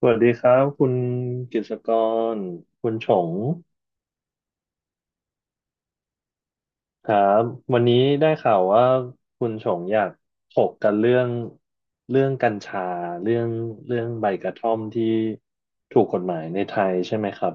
สวัสดีครับคุณกฤษกรคุณฉงครับวันนี้ได้ข่าวว่าคุณฉงอยากถกกันเรื่องเรื่องกัญชาเรื่องใบกระท่อมที่ถูกกฎหมายในไทยใช่ไหมครับ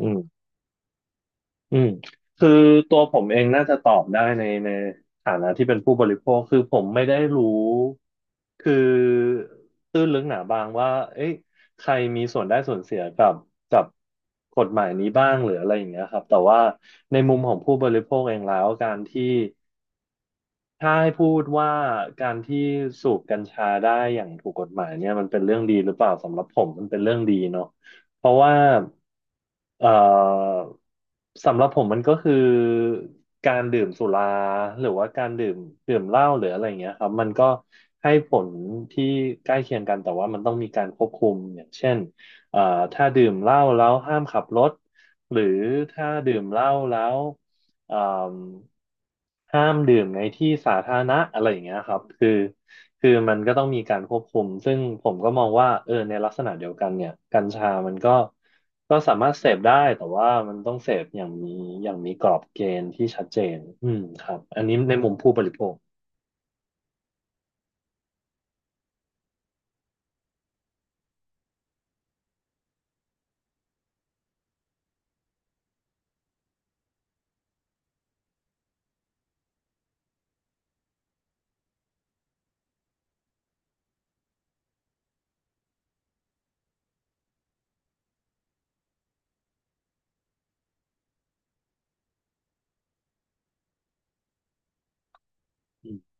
อืม อืมคือตัวผมเองน่าจะตอบได้ในฐานะที่เป็นผู้บริโภคคือผมไม่ได้รู้คือตื้นลึกหนาบางว่าเอ๊ะใครมีส่วนได้ส่วนเสียกับกับกฎหมายนี้บ้างหรืออะไรอย่างเงี้ยครับแต่ว่าในมุมของผู้บริโภคเองแล้วการที่ ถ้าให้พูดว่าการที่สูบกัญชาได้อย่างถูกกฎหมายเนี่ยมันเป็นเรื่องดีหรือเปล่าสำหรับผมมันเป็นเรื่องดีเนาะเพราะว่าเอ่อสำหรับผมมันก็คือการดื่มสุราหรือว่าการดื่มดื่มเหล้าหรืออะไรอย่างเงี้ยครับมันก็ให้ผลที่ใกล้เคียงกันแต่ว่ามันต้องมีการควบคุมอย่างเช่นเอ่อถ้าดื่มเหล้าแล้วห้ามขับรถหรือถ้าดื่มเหล้าแล้วเอ่อ ห้ามดื่มในที่สาธารณะอะไรอย่างเงี้ยครับคือคือมันก็ต้องมีการควบคุมซึ่งผมก็มองว่าเออในลักษณะเดียวกันเนี่ยกัญชามันก็ก็สามารถเสพได้แต่ว่ามันต้องเสพอย่างมีอย่างมีกรอบเกณฑ์ที่ชัดเจนอืมครับอันนี้ในมุมผู้บริโภคอืม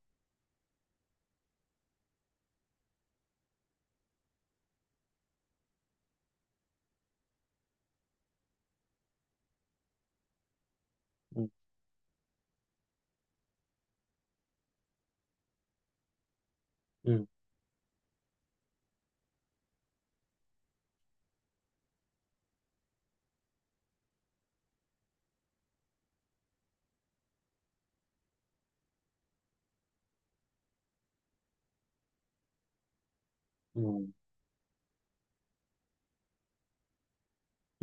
อืมอืม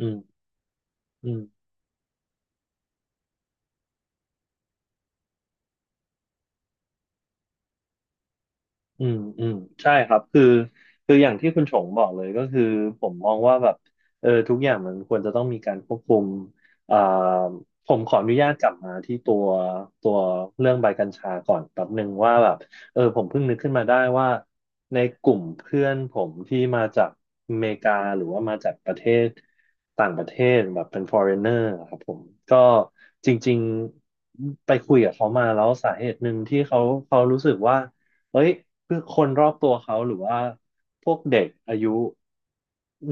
อืมอืม อืมอืมใช่ครับคือคืออย่างที่คุณชงบอกเลยก็คือผมมองว่าแบบเออทุกอย่างมันควรจะต้องมีการควบคุมอ่าผมขออนุญาตกลับมาที่ตัวตัวเรื่องใบกัญชาก่อนแป๊บหนึ่งว่าแบบเออผมเพิ่งนึกขึ้นมาได้ว่าในกลุ่มเพื่อนผมที่มาจากอเมริกาหรือว่ามาจากประเทศต่างประเทศแบบเป็น foreigner อะครับผมก็จริงๆไปคุยกับเขามาแล้วสาเหตุหนึ่งที่เขาเขารู้สึกว่า เอ้ยคือคนรอบตัวเขาหรือว่าพวกเด็กอายุ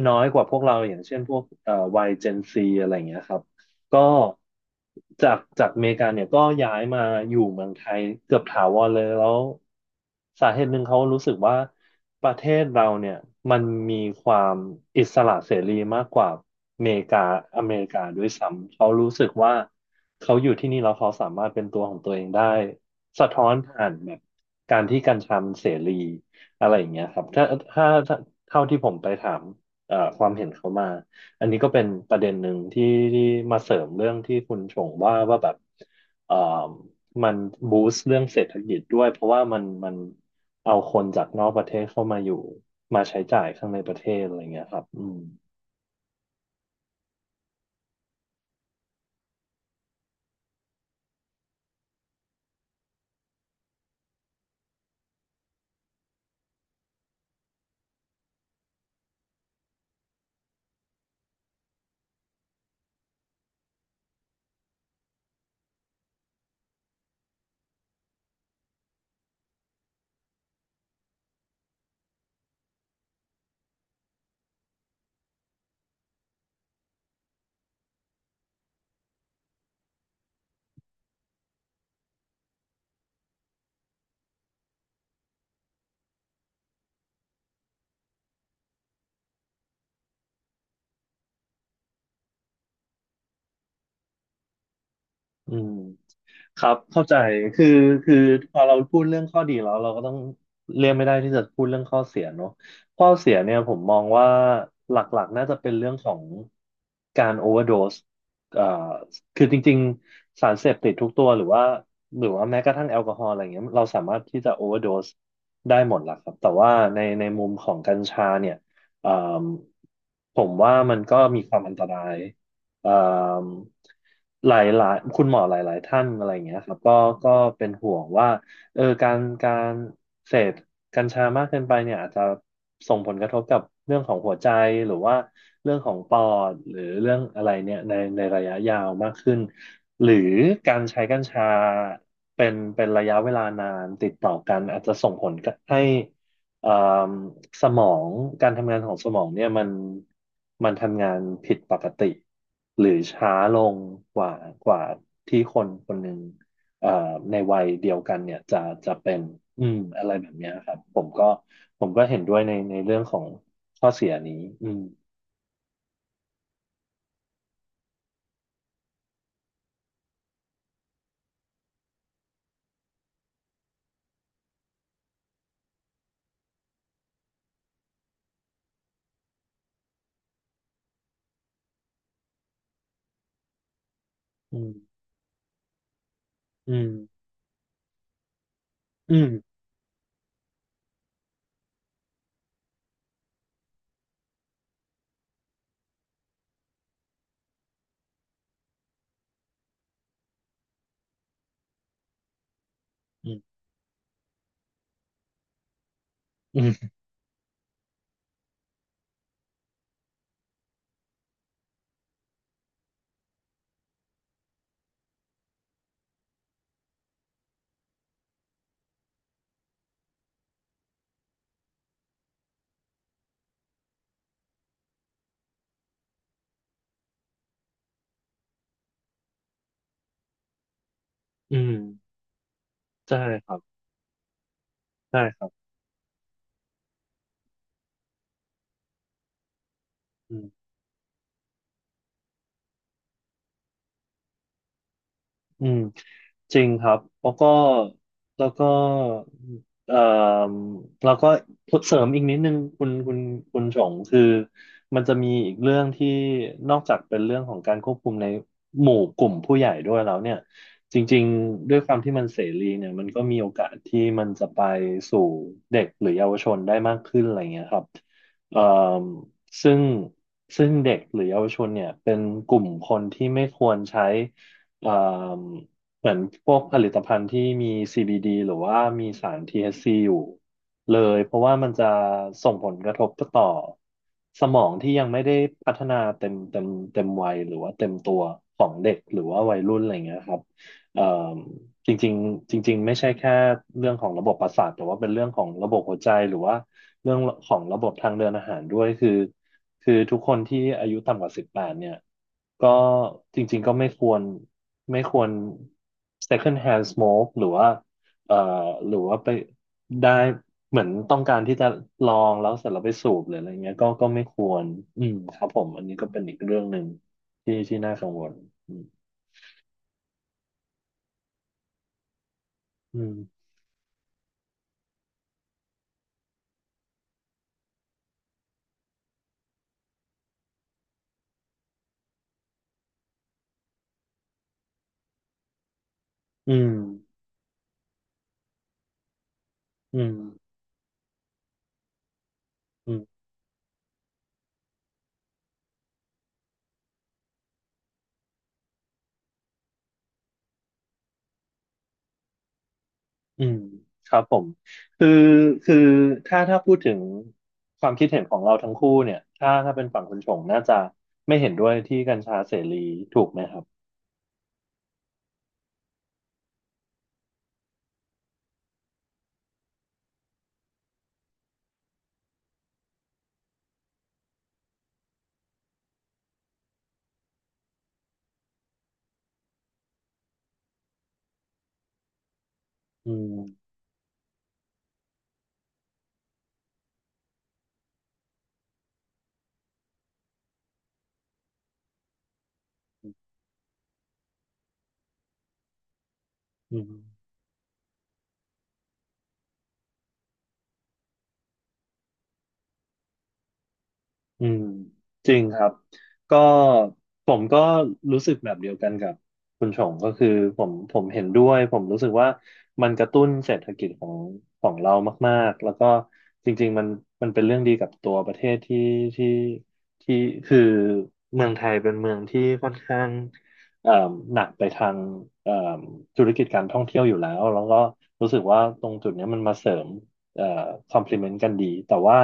น้อยกว่าพวกเราอย่างเช่นพวกวัยเจนซีอะไรอย่างเงี้ยครับ ก็จากจากอเมริกาเนี่ยก็ย้ายมาอยู่เมืองไทยเกือบถาวรเลยแล้วสาเหตุหนึ่งเขารู้สึกว่าประเทศเราเนี่ยมันมีความอิสระเสรีมากกว่าอเมริกาอเมริกาด้วยซ้ำเขารู้สึกว่าเขาอยู่ที่นี่แล้วเขาสามารถเป็นตัวของตัวเองได้สะท้อนผ่านแบบการที่กัญชามันเสรีอะไรอย่างเงี้ยครับถ้าถ้าเท่าที่ผมไปถามความเห็นเขามา อันนี้ก็เป็นประเด็นหนึ่งที่ที่มาเสริมเรื่องที่คุณชงว่าว่าแบบเอ่อมันบูสต์เรื่องเศรษฐกิจด้วยเพราะว่ามันมันเอาคนจากนอกประเทศเข้ามาอยู่มาใช้จ่ายข้างในประเทศอะไรเงี้ยครับอืมอืม ครับเข้าใจคือคือพอเราพูดเรื่องข้อดีแล้วเราก็ต้องเลี่ยงไม่ได้ที่จะพูดเรื่องข้อเสียเนอะข้อเสียเนี่ยผมมองว่าหลักๆน่าจะเป็นเรื่องของการโอเวอร์โดสเอ่อคือจริงๆสารเสพติดทุกตัวหรือว่าหรือว่าแม้กระทั่งแอลกอฮอล์อะไรเงี้ยเราสามารถที่จะโอเวอร์โดสได้หมดแหละครับแต่ว่าในในมุมของกัญชาเนี่ยเอ่อผมว่ามันก็มีความอันตราย เอ่มหลายๆคุณหมอหลายๆท่านอะไรอย่างเงี้ยครับก็ก็เป็นห่วงว่าเออการเสพกัญชามากเกินไปเนี่ยอาจจะส่งผลกระทบกับเรื่องของหัวใจหรือว่าเรื่องของปอดหรือเรื่องอะไรเนี่ยในในระยะยาวมากขึ้นหรือการใช้กัญชาเป็นเป็นระยะเวลานานติดต่อกันอาจจะส่งผลให้ เอ่มสมองการทำงานของสมองเนี่ยมันมันทำงานผิดปกติหรือช้าลงกว่ากว่าที่คนคนหนึ่งเอ่อในวัยเดียวกันเนี่ยจะจะเป็นอืมอะไรแบบเนี้ยครับผมก็ผมก็เห็นด้วยในในเรื่องของข้อเสียนี้อืมอืมอืมอืมอืมอืมอืมใช่ครับใช่ครับอืมอืม จริงครับ แล้วก็แล้วก็เอ่อแล้วก็เสริมอีกนิดนึงคุณคุณคุณชงคือมันจะมีอีกเรื่องที่นอกจากเป็นเรื่องของการควบคุมในหมู่กลุ่มผู้ใหญ่ด้วยแล้วเนี่ยจริงๆด้วยความที่มันเสรีเนี่ยมันก็มีโอกาสที่มันจะไปสู่เด็กหรือเยาวชนได้มากขึ้นอะไรเงี้ยครับเอ่อซึ่งซึ่งเด็กหรือเยาวชนเนี่ยเป็นกลุ่มคนที่ไม่ควรใช้เอ่อ เหมือนพวกผลิตภัณฑ์ที่มี CBD หรือว่ามีสาร THC อชซีอยู่เลย เพราะว่ามันจะส่งผลกระทบต่อสมองที่ยังไม่ได้พัฒนาเต็มวัยหรือว่าเต็มตัวของเด็กหรือว่าวัยรุ่นอะไรเงี้ยครับเอ่อจริงๆจริงๆไม่ใช่แค่เรื่องของระบบประสาทแต่ว่าเป็นเรื่องของระบบหัวใจหรือว่า เรื่องของระบบทางเดินอาหารด้วยคือทุกคนที่อายุต่ำกว่า18เนี่ยก็จริงๆก็ไม่ควร second hand smoke หรือว่าเอ่อหรือว่าไปได้เหมือนต้องการที่จะลองแล้วเสร็จแล้วไปสูบหรืออะไรเงี้ยก็ไม่ควรอืมครับผมอันนี้ก็เป็นอีกเรื่องหนึ่งที่น่ากังวลอืมอืมอืมอืมอืม อืมครับผมคือคือถ้าพูดถึงความคิดเห็นของเราทั้งคู่เนี่ยถ้าเป็นฝั่งคุณชงน่าจะไม่เห็นด้วยที่กัญชาเสรีถูกไหมครับอืมอืม อืมจริงครับก็ผมก็รู้สึกแบบเดียวกันกับคุณชงก็คือผมเห็นด้วยผมรู้สึกว่ามันกระตุ้นเศรษฐกิจของของเรามากๆแล้วก็จริงๆมันเป็นเรื่องดีกับตัวประเทศที่ที่ที่คือเมืองไทยเป็นเมืองที่ค่อนข้างเอ่มหนักไปทางเอ่มธุรกิจการท่องเที่ยวอยู่แล้วแล้วก็รู้สึกว่าตรงจุดเนี้ยมันมาเสริมเอ่อ complement กันดีแต่ว่า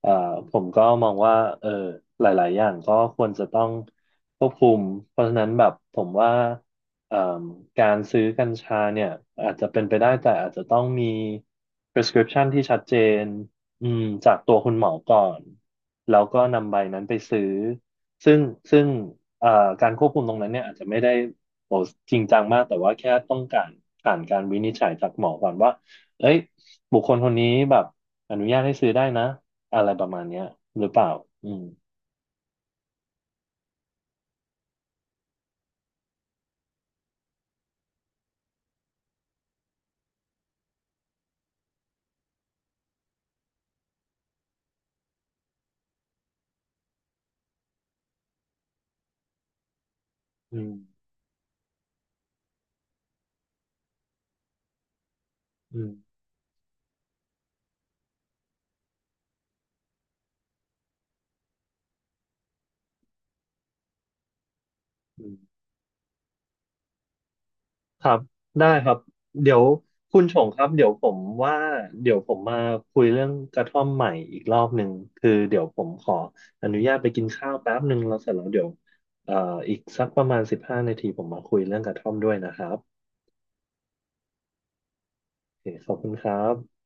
เอ่อผมก็มองว่าเออหลายๆอย่างก็ควรจะต้องควบคุมเพราะฉะนั้นแบบผมว่าเอ่มการซื้อกัญชาเนี่ยอาจจะเป็นไปได้แต่อาจจะต้องมี prescription ที่ชัดเจนอืมจากตัวคุณหมอก่อนแล้วก็นำใบนั้นไปซื้อซึ่งซึ่งเอ่อการควบคุมตรงนั้นเนี่ยอาจจะไม่ได้โอ้จริงจังมากแต่ว่าแค่ต้องการผ่านการวินิจฉัยจากหมอก่อนว่าเอ้ยบุคคลคนนี้แบบอนุญาตให้ซื้อได้นะ อะไรประมาณเนี้ยหรือเปล่าอืมอืมอืมอืมครับได้ครับเดี๋ยวคุณชงครับเดี๋ยวผมว่าเดี๋ยวผมมาคุยเรื่องกระท่อมใหม่อีกรอบหนึ่งคือเดี๋ยวผมขออนุญาตไปกินข้าวแป๊บหนึ่งแล้วเสร็จแล้วเดี๋ยวเอ่ออีกสักประมาณ15 นาทีผมมาคุยเรื่องกระท่อมด้วยนะครับโอเคขอบคุณครับ